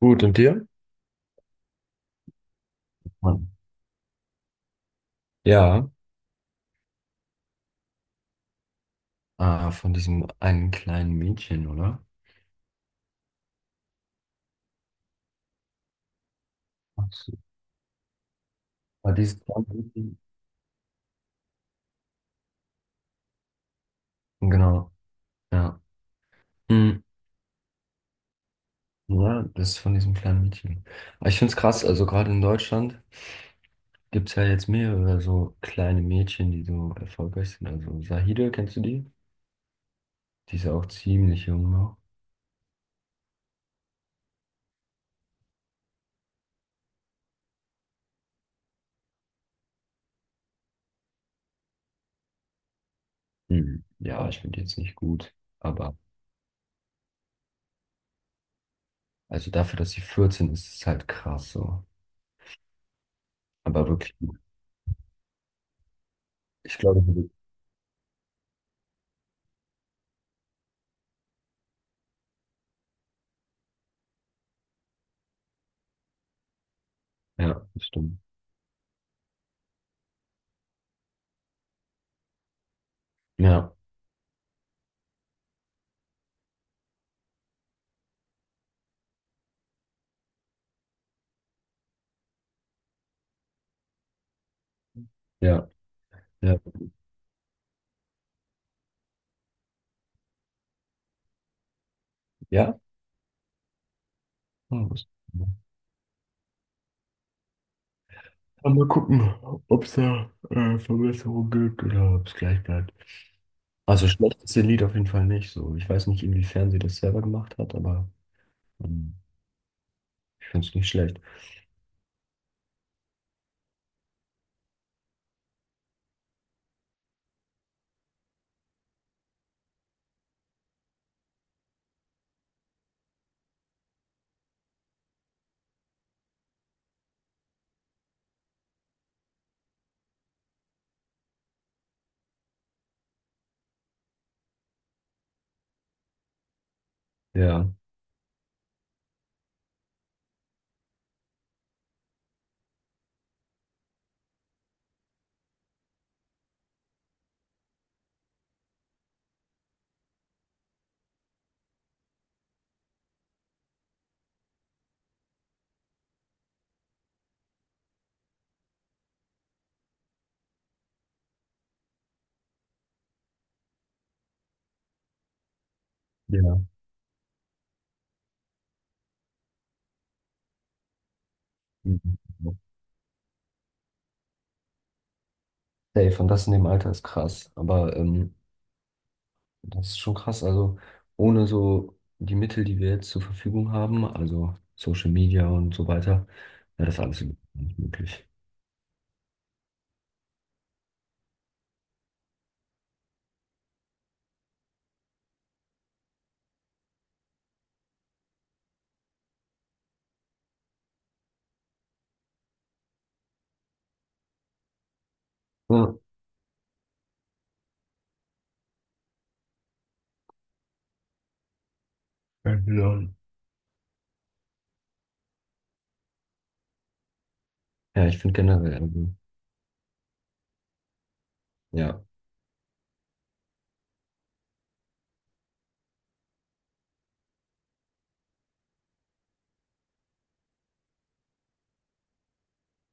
Gut, und dir? Mann. Ja, von diesem einen kleinen Mädchen, oder? Ach so. War dieses kleine Mädchen? Genau, ja. Hm. Ja, das ist von diesem kleinen Mädchen. Aber ich finde es krass, also gerade in Deutschland gibt es ja jetzt mehrere so kleine Mädchen, die so erfolgreich sind. Also Sahide, kennst du die? Die ist ja auch ziemlich jung noch. Hm. Ja, ich finde die jetzt nicht gut. Aber also dafür, dass sie 14, ist es halt krass so. Aber wirklich, gut. Ich glaube, ja, das stimmt. Ja, ja. Ja. Ja? Ah, aber mal gucken, ob es da Verbesserungen gibt oder ob es gleich bleibt. Also schlecht ist ihr Lied auf jeden Fall nicht so. Ich weiß nicht, inwiefern sie das selber gemacht hat, aber ähm, ich finde es nicht schlecht. Ja, ja. Mhm. Safe, und das in dem Alter ist krass. Aber das ist schon krass. Also ohne so die Mittel, die wir jetzt zur Verfügung haben, also Social Media und so weiter, wäre das alles überhaupt nicht möglich. Ja. Ja, genau. Ja, ich finde generell, also, ja.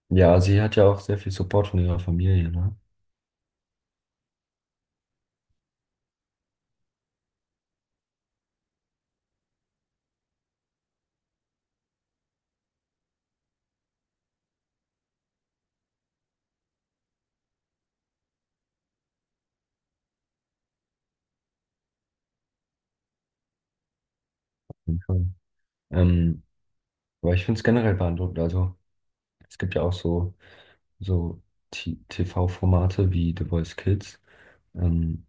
Ja, sie hat ja auch sehr viel Support von ihrer Familie, ne? Auf jeden Fall. Ähm, aber ich finde es generell beeindruckend. Also, es gibt ja auch so TV-Formate wie The Voice Kids, ähm,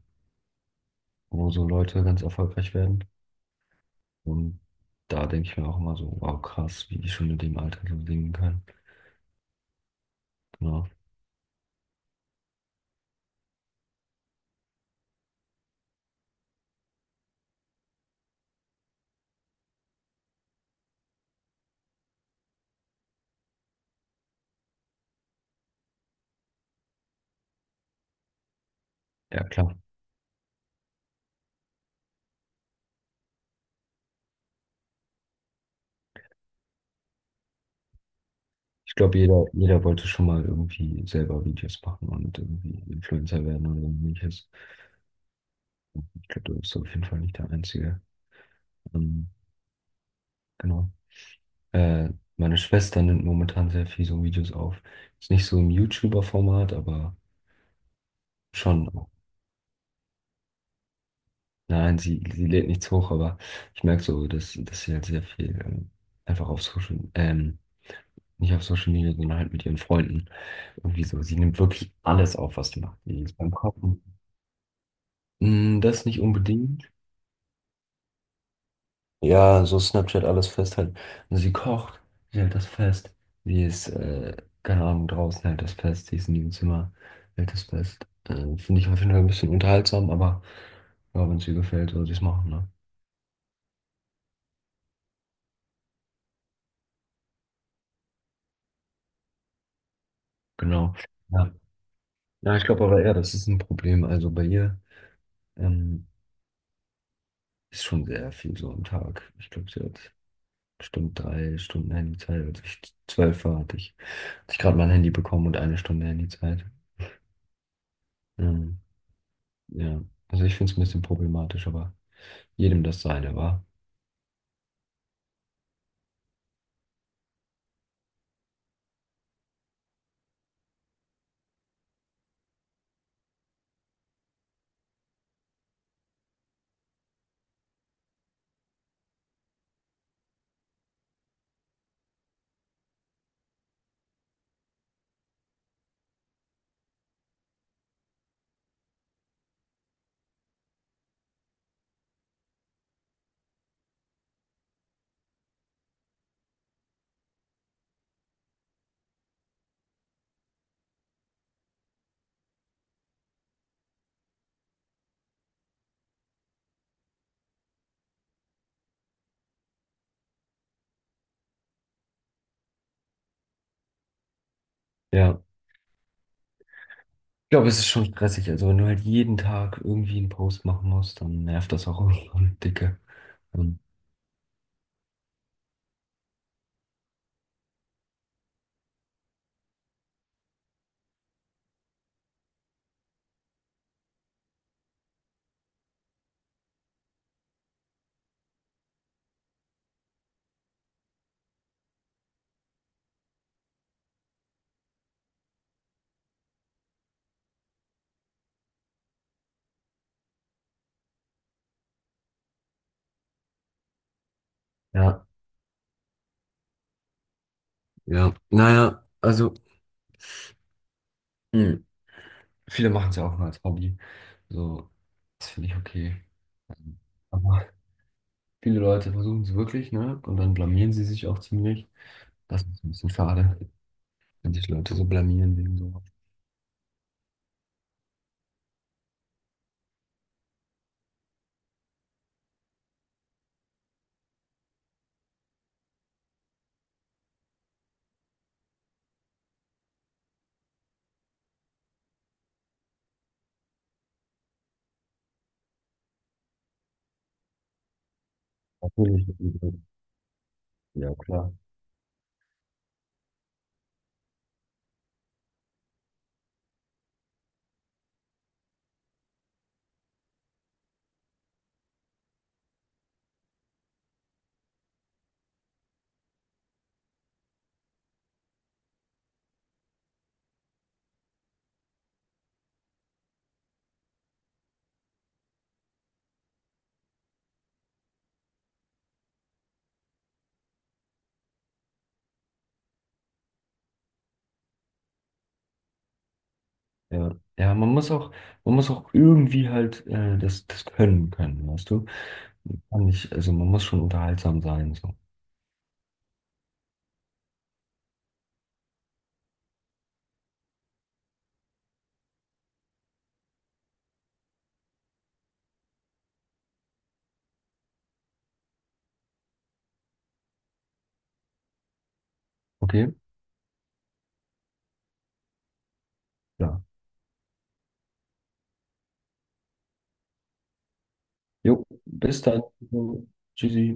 wo so Leute ganz erfolgreich werden. Und da denke ich mir auch immer so, wow, krass, wie die schon in dem Alter so singen können. Genau. Ja, klar. Ich glaube, jeder wollte schon mal irgendwie selber Videos machen und irgendwie Influencer werden oder ähnliches. Ich glaube, du bist auf jeden Fall nicht der Einzige. Ähm, genau. Äh, meine Schwester nimmt momentan sehr viel so Videos auf. Ist nicht so im YouTuber-Format, aber schon. Nein, sie lädt nichts hoch, aber ich merke so, dass sie halt sehr viel einfach auf Social, nicht auf Social Media, sondern halt mit ihren Freunden. Irgendwie so. Sie nimmt wirklich alles auf, was sie macht. Sie ist beim Kochen. Mm, das nicht unbedingt. Ja, so Snapchat alles festhalten. Und sie kocht, sie hält das fest. Wie es, keine Ahnung, draußen hält das fest, sie ist in ihrem Zimmer, hält das fest. Finde ich auf jeden Fall ein bisschen unterhaltsam, aber ja, wenn es ihr gefällt, soll sie es machen, ne? Genau. Ja, ja ich glaube aber eher, das ist ein Problem. Also bei ihr ähm, ist schon sehr viel so am Tag. Ich glaube, sie hat bestimmt drei Stunden Handyzeit. Als ich zwölf war, hatte ich gerade mein Handy bekommen und eine Stunde Handyzeit. Ähm, Ja, also ich finde es ein bisschen problematisch, aber jedem das seine, wa? Ja. Ich glaube, es ist schon stressig. Also wenn du halt jeden Tag irgendwie einen Post machen musst, dann nervt das auch irgendwann dicke. Und ja, ja. Naja, also hm, viele machen es ja auch nur als Hobby. So, das finde ich okay. Aber viele Leute versuchen es wirklich, ne? Und dann blamieren sie sich auch ziemlich. Das ist ein bisschen schade, wenn sich Leute so blamieren wegen so. Natürlich. Ja, klar. Ja, ja, man muss auch irgendwie halt das können können, weißt du? Man kann nicht, also man muss schon unterhaltsam sein, so. Okay? Ja. Jo, bis dann. Tschüssi.